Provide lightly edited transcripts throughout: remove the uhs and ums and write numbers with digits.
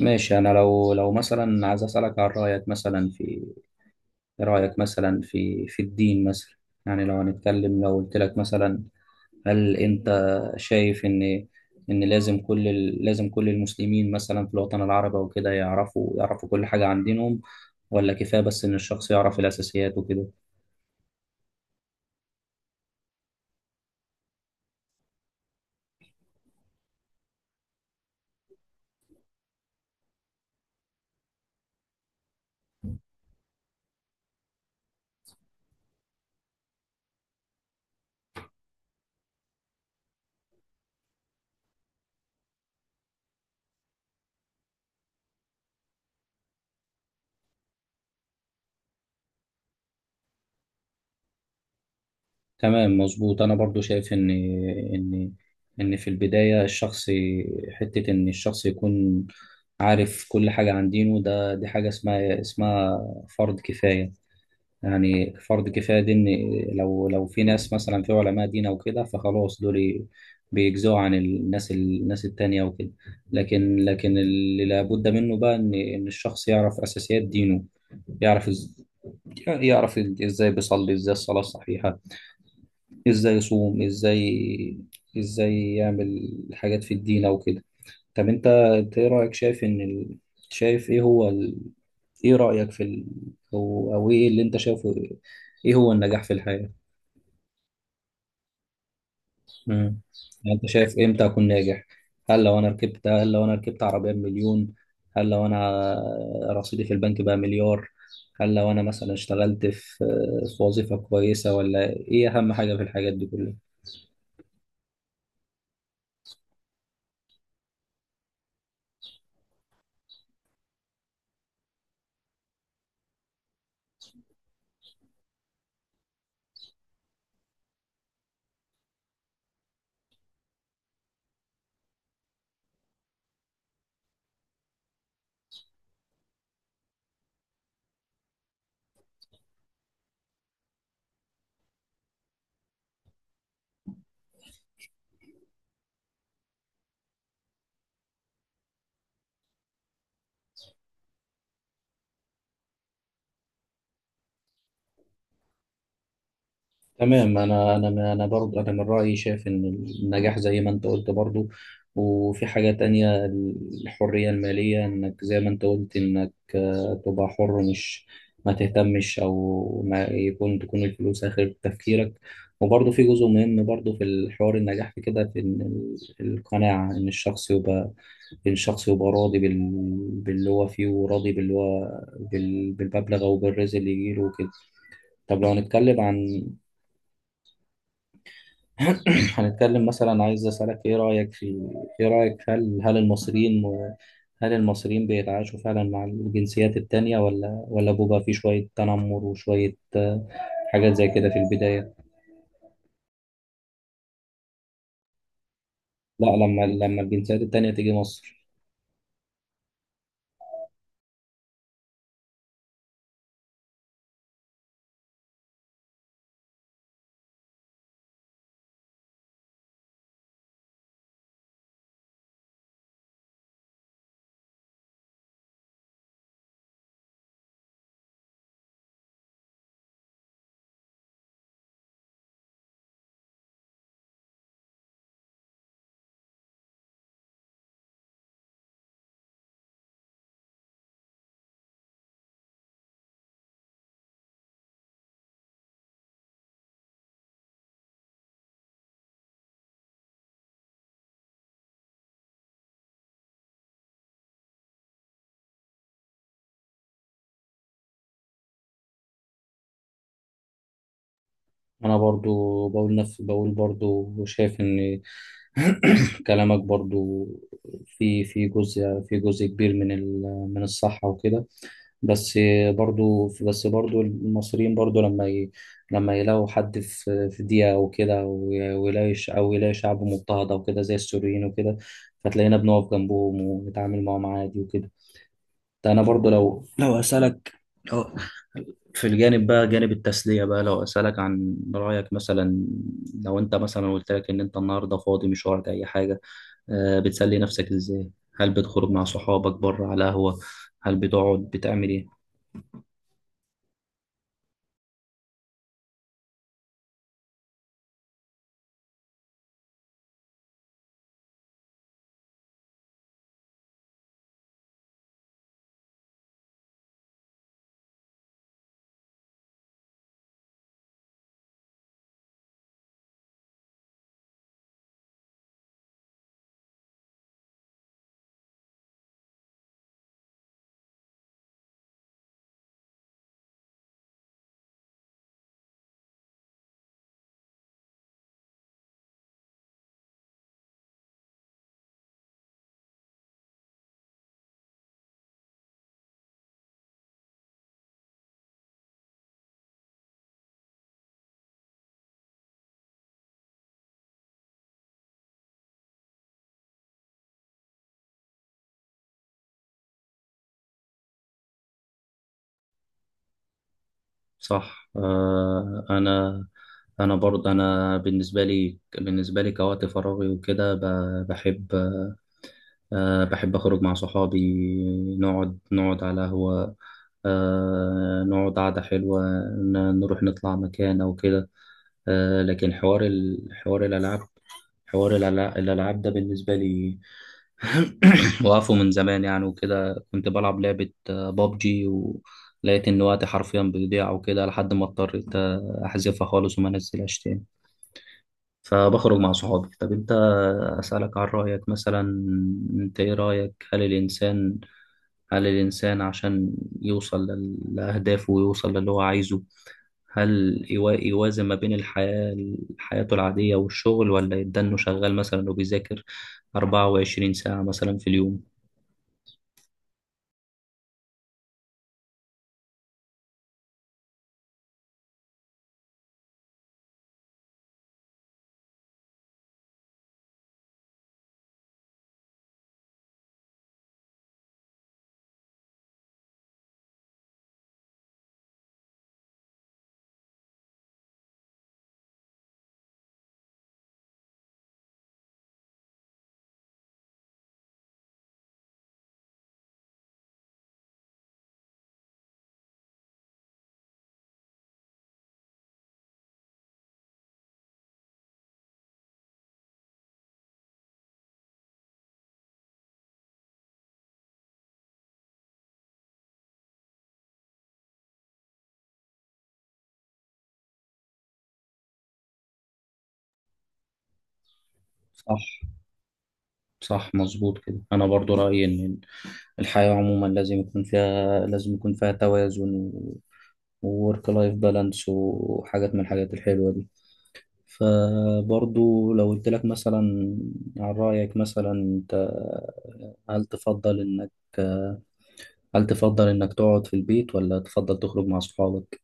ماشي. انا لو مثلا عايز اسالك عن رايك مثلا في، إيه رايك مثلا في الدين مثلا؟ يعني لو هنتكلم لو قلت لك مثلا، هل انت شايف ان لازم لازم كل المسلمين مثلا في الوطن العربي وكده يعرفوا كل حاجه عن دينهم، ولا كفايه بس ان الشخص يعرف الاساسيات وكده؟ تمام، مظبوط. انا برضو شايف ان ان في البدايه الشخص، حته ان الشخص يكون عارف كل حاجه عن دينه، ده دي حاجه اسمها فرض كفايه. يعني فرض كفايه دي ان لو في ناس مثلا في علماء دين او كده، فخلاص دول بيجزوا عن الناس التانية وكده. لكن اللي لابد منه بقى ان الشخص يعرف اساسيات دينه. يعرف يعرف ازاي بيصلي، ازاي الصلاه الصحيحه، ازاي يصوم، ازاي يعمل حاجات في الدين او كده. طب انت، ايه رايك؟ شايف ان ال... شايف ايه هو ال... ايه رايك في ال... او ايه اللي انت شايفه؟ ايه هو النجاح في الحياه؟ امم يعني انت شايف امتى اكون ناجح؟ هل لو انا ركبت، هل لو انا ركبت عربيه بمليون؟ هل لو انا رصيدي في البنك بقى مليار؟ هل لو انا مثلا اشتغلت في، في وظيفه كويسه؟ ولا ايه اهم حاجه في الحاجات دي كلها؟ تمام. انا برضو انا من رايي شايف ان النجاح زي ما انت قلت برضو، وفي حاجه تانية، الحريه الماليه، انك زي ما انت قلت انك تبقى حر، مش ما تهتمش، او ما يكون تكون الفلوس اخر تفكيرك. وبرضو في جزء مهم برضو في الحوار النجاح في كده، في إن القناعه، ان الشخص يبقى، إن الشخص يبقى راضي بال... باللي هو فيه، وراضي باللي هو، بال... بالمبلغ او بالرزق اللي يجيله وكده. طب لو هنتكلم عن، هنتكلم مثلا، عايز أسألك إيه رأيك في، إيه رأيك هل المصريين، هل المصريين بيتعايشوا فعلا مع الجنسيات التانية، ولا بيبقى في شوية تنمر وشوية حاجات زي كده في البداية؟ لا، لما الجنسيات التانية تيجي مصر. أنا برضو بقول نفس، بقول برضو شايف إن، كلامك برضو في جزء كبير من من الصحة وكده. بس برضو، بس برضو المصريين برضو لما ي... لما يلاقوا حد في دقيقة أو كده، ويلاقي أو يلاقي شعب مضطهد أو كده زي السوريين وكده، فتلاقينا بنقف جنبهم ونتعامل معاهم عادي وكده. ده أنا برضو لو لو في الجانب بقى، جانب التسلية بقى، لو أسألك عن رأيك مثلا، لو أنت مثلا قلت لك إن أنت النهاردة فاضي، مش وراك أي حاجة، بتسلي نفسك إزاي؟ هل بتخرج مع صحابك بره على قهوة؟ هل بتقعد؟ بتعمل إيه؟ صح. انا برضه انا بالنسبه لي، بالنسبه لي كوقت فراغي وكده، بحب بحب اخرج مع صحابي، نقعد على قهوه، نقعد قعده حلوه، نروح نطلع مكان او كده. لكن حوار حوار الالعاب، حوار الالعاب ده بالنسبه لي وقفوا من زمان يعني وكده. كنت بلعب لعبة بابجي، ولقيت إن وقتي حرفيا بيضيع وكده، لحد ما اضطريت أحذفها خالص وما أنزلهاش تاني. فبخرج مع صحابي. طب أنت، أسألك عن رأيك مثلا، أنت إيه رأيك هل الإنسان، هل الإنسان عشان يوصل لأهدافه ويوصل للي هو عايزه، هل يوازن ما بين الحياة، حياته العادية والشغل، ولا يدنه شغال مثلا وبيذاكر 24 ساعة مثلا في اليوم؟ صح، صح، مظبوط كده. انا برضو رايي ان الحياه عموما لازم يكون فيها، لازم يكون فيها توازن، وورك لايف بالانس وحاجات من الحاجات الحلوه دي. فبرضو لو قلت لك مثلا، عن رايك مثلا، انت هل تفضل انك، هل تفضل انك تقعد في البيت، ولا تفضل تخرج مع اصحابك؟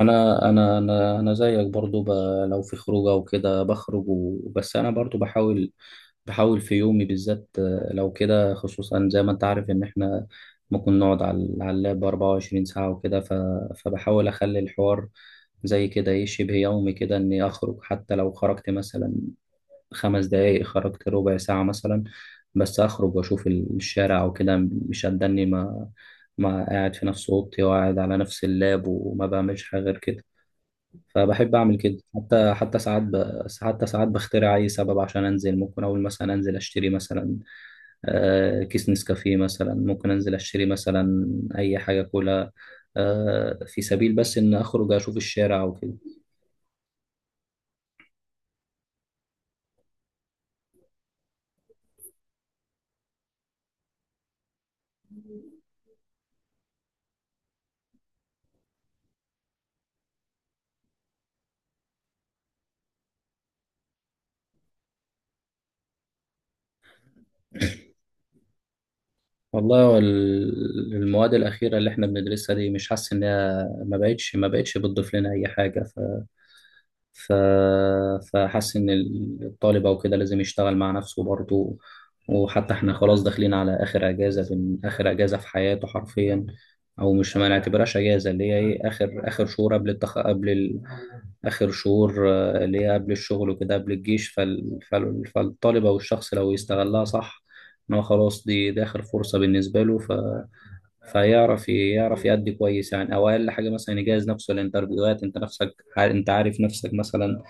انا زيك برضو ب... لو في خروجه وكده بخرج و... بس انا برضو بحاول، بحاول في يومي بالذات لو كده، خصوصا زي ما انت عارف ان احنا ممكن نقعد على اللاب 24 ساعه وكده، ف... فبحاول اخلي الحوار زي كده ايه، شبه يومي كده، اني اخرج حتى لو خرجت مثلا خمس دقايق، خرجت ربع ساعه مثلا، بس اخرج واشوف الشارع وكده. مش هتدني ما قاعد في نفس اوضتي وقاعد على نفس اللاب وما بعملش حاجه غير كده. فبحب اعمل كده، حتى ساعات ب... حتى ساعات بخترع اي سبب عشان انزل. ممكن اقول مثلا انزل اشتري مثلا كيس نسكافيه، مثلا ممكن انزل اشتري مثلا اي حاجه، كلها في سبيل بس ان اخرج اشوف الشارع وكده. والله، هو المواد الاخيره اللي احنا بندرسها دي مش حاسس انها، ما بقتش، ما بقتش بتضيف لنا اي حاجه. ف... فحس ان الطالب او كده لازم يشتغل مع نفسه برضه. وحتى احنا خلاص داخلين على اخر اجازه، في اخر اجازه في حياته حرفيا، او مش ما نعتبرهاش اجازه، اللي هي ايه، اخر شهور قبل التخ... قبل ال... اخر شهور اللي هي قبل الشغل وكده، قبل الجيش. فال... فال... فالطالب او الشخص لو يستغلها صح، ان هو خلاص دي, دي اخر فرصه بالنسبه له، ف... فيعرف، يعرف يأدي كويس يعني، او اقل حاجه مثلا يجهز نفسه للانترفيوهات. انت نفسك انت عارف نفسك مثلا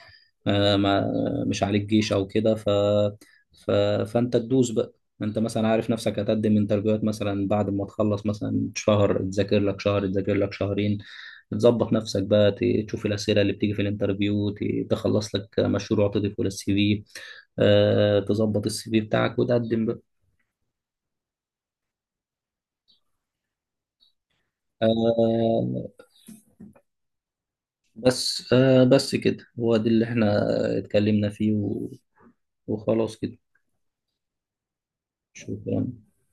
آه، ما مش عليك جيش او كده، ف... ف... فانت تدوس بقى. انت مثلا عارف نفسك هتقدم انترفيوهات مثلا، بعد ما تخلص مثلا شهر تذاكر لك، تذاكر لك شهرين، تظبط نفسك بقى، تشوف الاسئله اللي بتيجي في الانترفيو، تخلص لك مشروع تضيفه للسي في، تظبط السي في بتاعك وتقدم بقى. آه، بس كده هو ده اللي احنا اتكلمنا فيه و... وخلاص كده. شكرا.